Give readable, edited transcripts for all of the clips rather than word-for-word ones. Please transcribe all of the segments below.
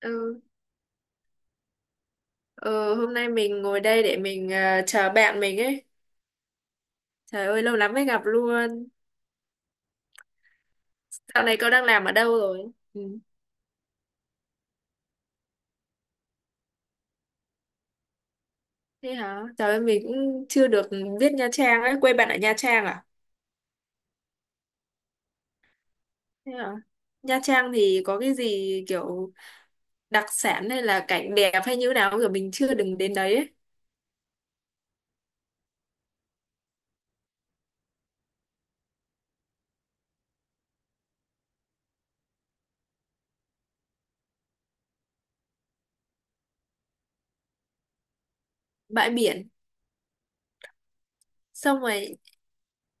Ừ. Ừ, hôm nay mình ngồi đây để mình chờ bạn mình ấy. Trời ơi, lâu lắm mới gặp luôn. Dạo này cậu đang làm ở đâu rồi? Ừ. Thế hả? Trời ơi, mình cũng chưa được biết Nha Trang ấy. Quê bạn ở Nha Trang à? Thế hả? Nha Trang thì có cái gì kiểu đặc sản hay là cảnh đẹp hay như nào không? Kiểu mình chưa đừng đến đấy ấy. Bãi biển. Xong rồi,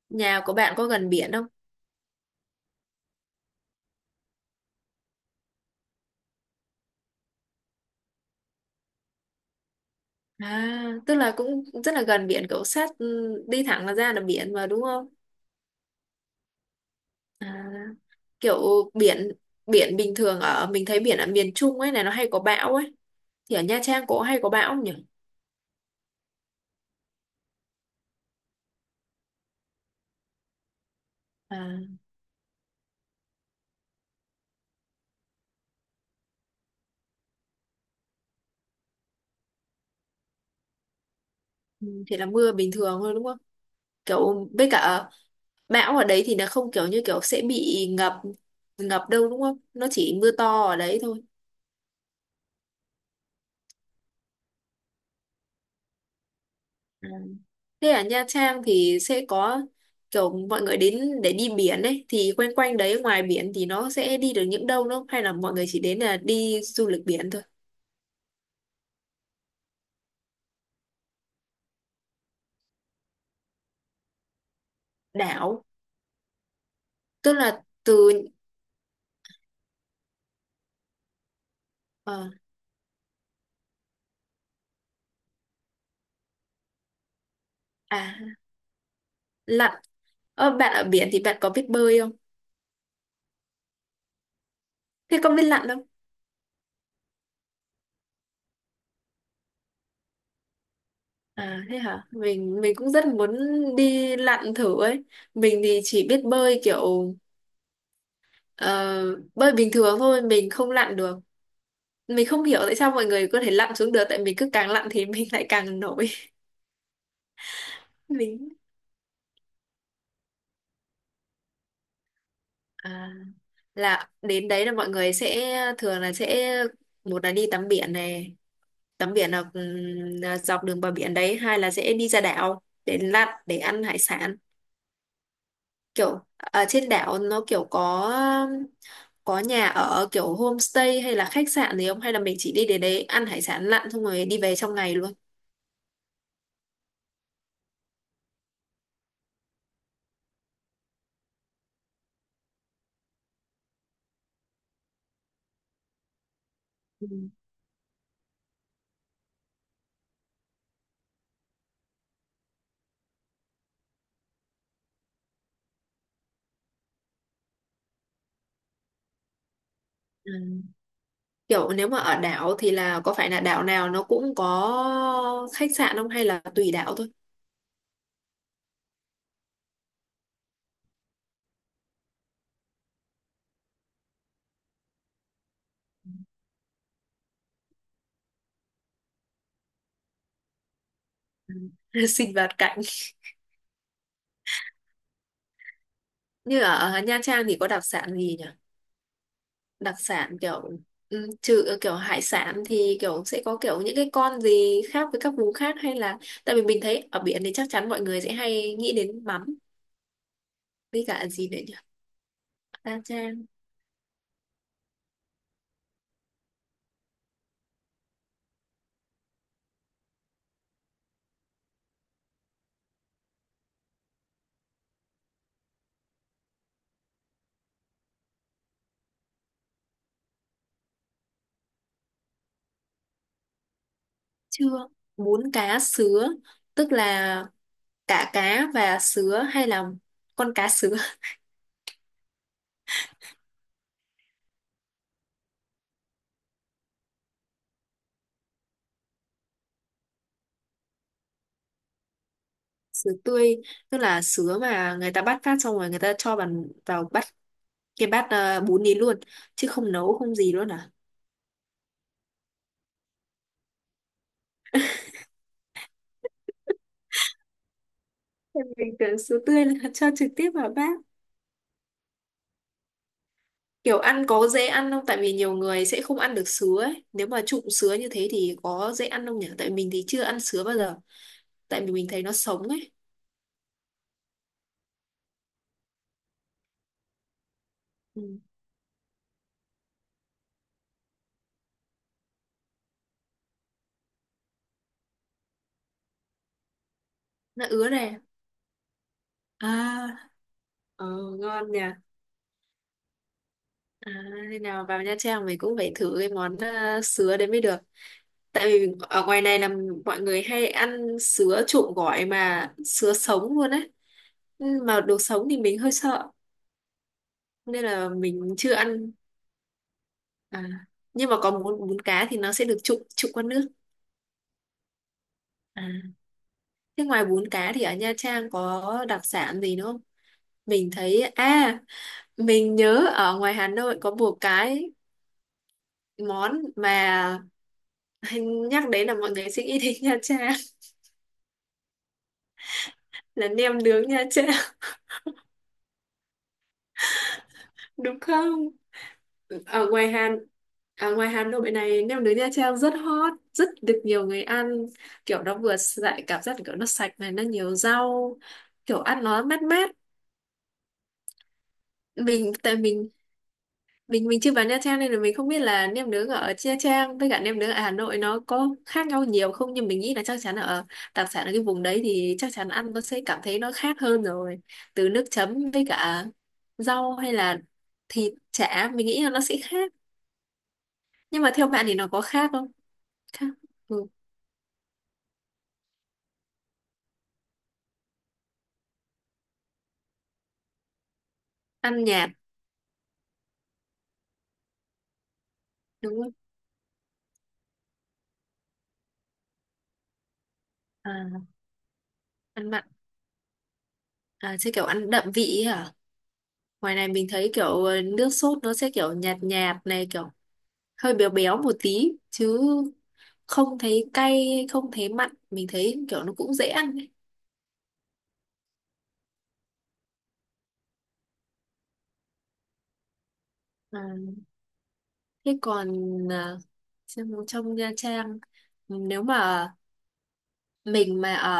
nhà của bạn có gần biển không? À, tức là cũng rất là gần biển, cậu sát đi thẳng là ra là biển mà đúng không? À. Kiểu biển biển bình thường ở mình thấy biển ở miền Trung ấy này nó hay có bão ấy, thì ở Nha Trang có hay có bão không nhỉ? À. Ừ, thì là mưa bình thường thôi đúng không? Kiểu với cả bão ở đấy thì nó không kiểu như sẽ bị ngập ngập đâu đúng không? Nó chỉ mưa to ở đấy thôi. À. Thế ở Nha Trang thì sẽ có kiểu mọi người đến để đi biển ấy thì quanh quanh đấy ngoài biển thì nó sẽ đi được những đâu đúng không? Hay là mọi người chỉ đến là đi du lịch biển thôi? Đảo. Tức là từ ờ, À. Lặn. Bạn ở biển thì bạn có biết bơi không? Thế có biết lặn không? À, thế hả? Mình cũng rất muốn đi lặn thử ấy. Mình thì chỉ biết bơi kiểu ờ, bơi bình thường thôi, mình không lặn được. Mình không hiểu tại sao mọi người có thể lặn xuống được, tại mình cứ càng lặn thì mình lại càng nổi. Mình. À, là đến đấy là mọi người sẽ thường là sẽ một là đi tắm biển này, tắm biển là dọc đường bờ biển đấy, hai là sẽ đi ra đảo để lặn, để ăn hải sản. Kiểu ở trên đảo nó kiểu có nhà ở kiểu homestay hay là khách sạn gì không, hay là mình chỉ đi đến đấy ăn hải sản lặn xong rồi đi về trong ngày luôn? Ừ. Ừ. Kiểu nếu mà ở đảo thì là có phải là đảo nào nó cũng có khách sạn không, hay là tùy đảo thôi? Sinh vật cảnh. Như ở Nha Trang thì có đặc sản gì nhỉ? Đặc sản kiểu. Ừ, trừ kiểu hải sản thì kiểu sẽ có kiểu những cái con gì khác với các vùng khác, hay là tại vì mình thấy ở biển thì chắc chắn mọi người sẽ hay nghĩ đến mắm với cả gì đấy nhỉ. Ta trang. Chưa. Bún cá sứa tức là cả cá và sứa, hay là con cá sứa? Sứa tươi tức là sứa mà người ta bắt phát xong rồi người ta cho vào vào bắt cái bát bún đi luôn, chứ không nấu không gì luôn à? Em Bình thường sứa tươi là cho trực tiếp vào bát. Kiểu ăn có dễ ăn không? Tại vì nhiều người sẽ không ăn được sứa ấy, nếu mà trụng sứa như thế thì có dễ ăn không nhỉ? Tại mình thì chưa ăn sứa bao giờ, tại vì mình thấy nó sống ấy. Ừ. Nó ứa này. À. Ờ, ngon nhỉ. À, thế nào vào Nha Trang mình cũng phải thử cái món sứa đấy mới được. Tại vì ở ngoài này là mọi người hay ăn sứa trộn gỏi mà sứa sống luôn ấy. Ừ, mà đồ sống thì mình hơi sợ nên là mình chưa ăn. À, nhưng mà có bún bún cá thì nó sẽ được trụng trụng qua nước. À, thế ngoài bún cá thì ở Nha Trang có đặc sản gì nữa không? Mình thấy mình nhớ ở ngoài Hà Nội có bùa cái món mà anh nhắc đến là mọi người sẽ nghĩ đến Nha Trang. Là nem nướng Nha Trang. Đúng không? ở ngoài Hà Ở ngoài Hà Nội này nem nướng Nha Trang rất hot, rất được nhiều người ăn. Kiểu nó vừa lại cảm giác kiểu nó sạch này, nó nhiều rau, kiểu ăn nó mát mát. Tại mình chưa vào Nha Trang nên là mình không biết là nem nướng ở Nha Trang với cả nem nướng ở Hà Nội nó có khác nhau nhiều không, nhưng mình nghĩ là chắc chắn ở đặc sản ở cái vùng đấy thì chắc chắn ăn nó sẽ cảm thấy nó khác hơn rồi. Từ nước chấm với cả rau, hay là thịt chả, mình nghĩ là nó sẽ khác. Nhưng mà theo bạn thì nó có khác không? Khác. Ừ. Ăn nhạt đúng không? À, ăn mặn. À, sẽ kiểu ăn đậm vị ấy hả? Ngoài này mình thấy kiểu nước sốt nó sẽ kiểu nhạt nhạt này, kiểu hơi béo béo một tí chứ không thấy cay, không thấy mặn, mình thấy kiểu nó cũng dễ ăn ấy. À, thế còn à, xem trong Nha Trang, nếu mà mình mà ở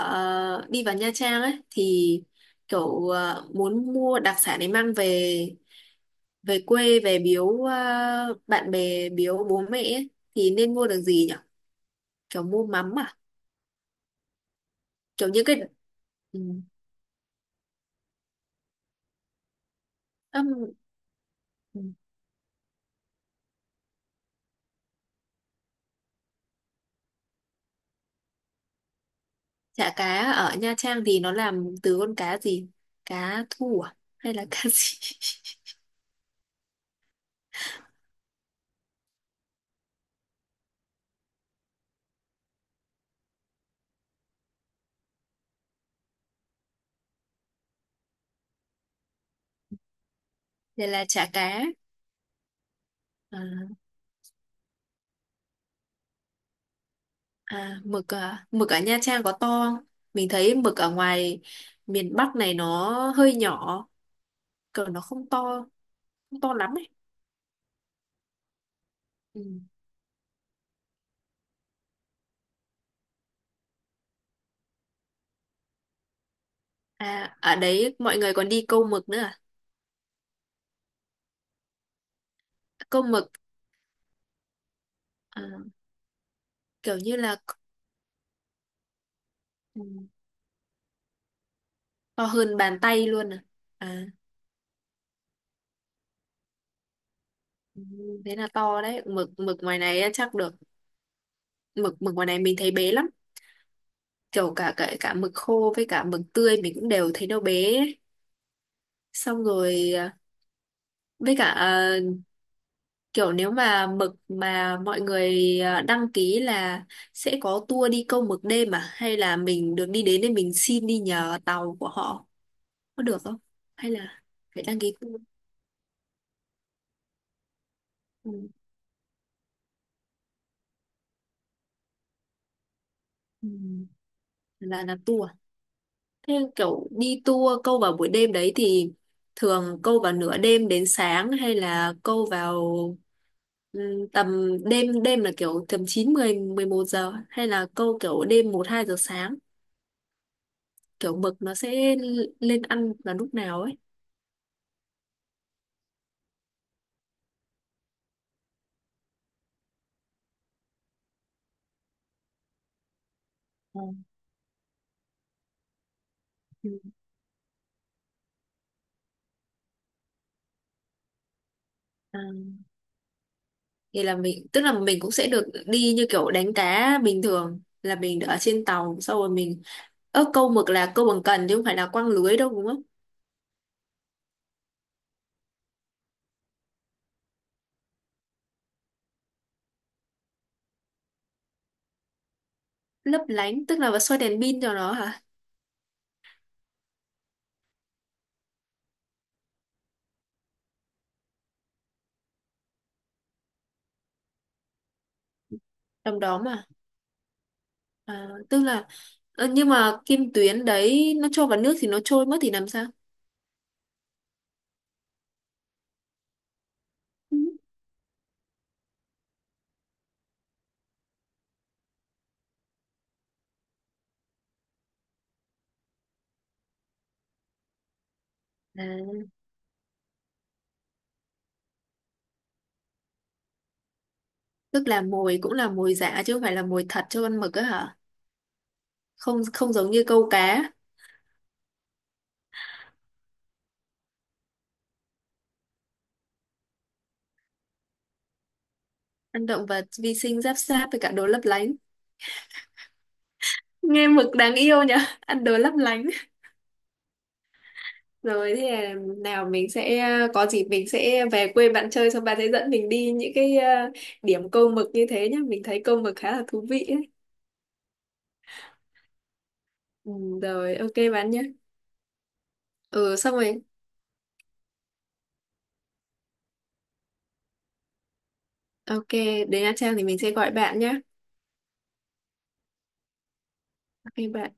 đi vào Nha Trang ấy thì kiểu muốn mua đặc sản để mang về, về quê về biếu bạn bè biếu bố mẹ ấy, thì nên mua được gì nhỉ? Kiểu mua mắm à? Kiểu những cái. Ừ. Ừm. Chả cá ở Nha Trang thì nó làm từ con cá gì? Cá thu à? Hay là cá gì? Đây là chả cá. À, à? Mực ở Nha Trang có to không? Mình thấy mực ở ngoài miền Bắc này nó hơi nhỏ, còn nó không to, không to lắm ấy. Ừ. À, ở đấy mọi người còn đi câu mực nữa à? Câu mực à, kiểu như là. Ừ, to hơn bàn tay luôn à? À, ừ, thế là to đấy. Mực mực ngoài này chắc được. Mực mực ngoài này mình thấy bé lắm, kiểu cả cả cả mực khô với cả mực tươi mình cũng đều thấy nó bé ấy. Xong rồi với cả kiểu nếu mà mực mà mọi người đăng ký là sẽ có tour đi câu mực đêm à, hay là mình được đi đến để mình xin đi nhờ tàu của họ có được không, hay là phải đăng ký tour? Ừ. Ừ. Là tour à? Thế kiểu đi tour câu vào buổi đêm đấy thì thường câu vào nửa đêm đến sáng, hay là câu vào. Ừ, tầm đêm đêm là kiểu tầm 9, 10, 11 giờ, hay là câu kiểu đêm 1, 2 giờ sáng? Kiểu mực nó sẽ lên ăn vào lúc nào ấy? Ờ. Ừ. À. Thì là mình tức là mình cũng sẽ được đi như kiểu đánh cá bình thường là mình ở trên tàu sau rồi mình câu mực là câu bằng cần chứ không phải là quăng lưới đâu đúng không? Lấp lánh tức là xoay đèn pin cho nó hả? Trong đó mà. À, tức là nhưng mà kim tuyến đấy nó trôi vào nước thì nó trôi mất thì làm sao? Ừ. À. Tức là mồi cũng là mồi giả chứ không phải là mồi thật cho con mực á hả? Không, không giống như câu cá, ăn động vật vi sinh giáp sát với cả đồ lấp lánh. Nghe mực đáng yêu nhở, ăn đồ lấp lánh. Rồi thế là nào mình sẽ có dịp mình sẽ về quê bạn chơi, xong bạn sẽ dẫn mình đi những cái điểm câu mực như thế nhá. Mình thấy câu mực khá là thú vị ấy. Ừ, rồi ok bạn nhé. Ừ, xong rồi. Ok, đến Nha Trang thì mình sẽ gọi bạn nhé. Ok bạn.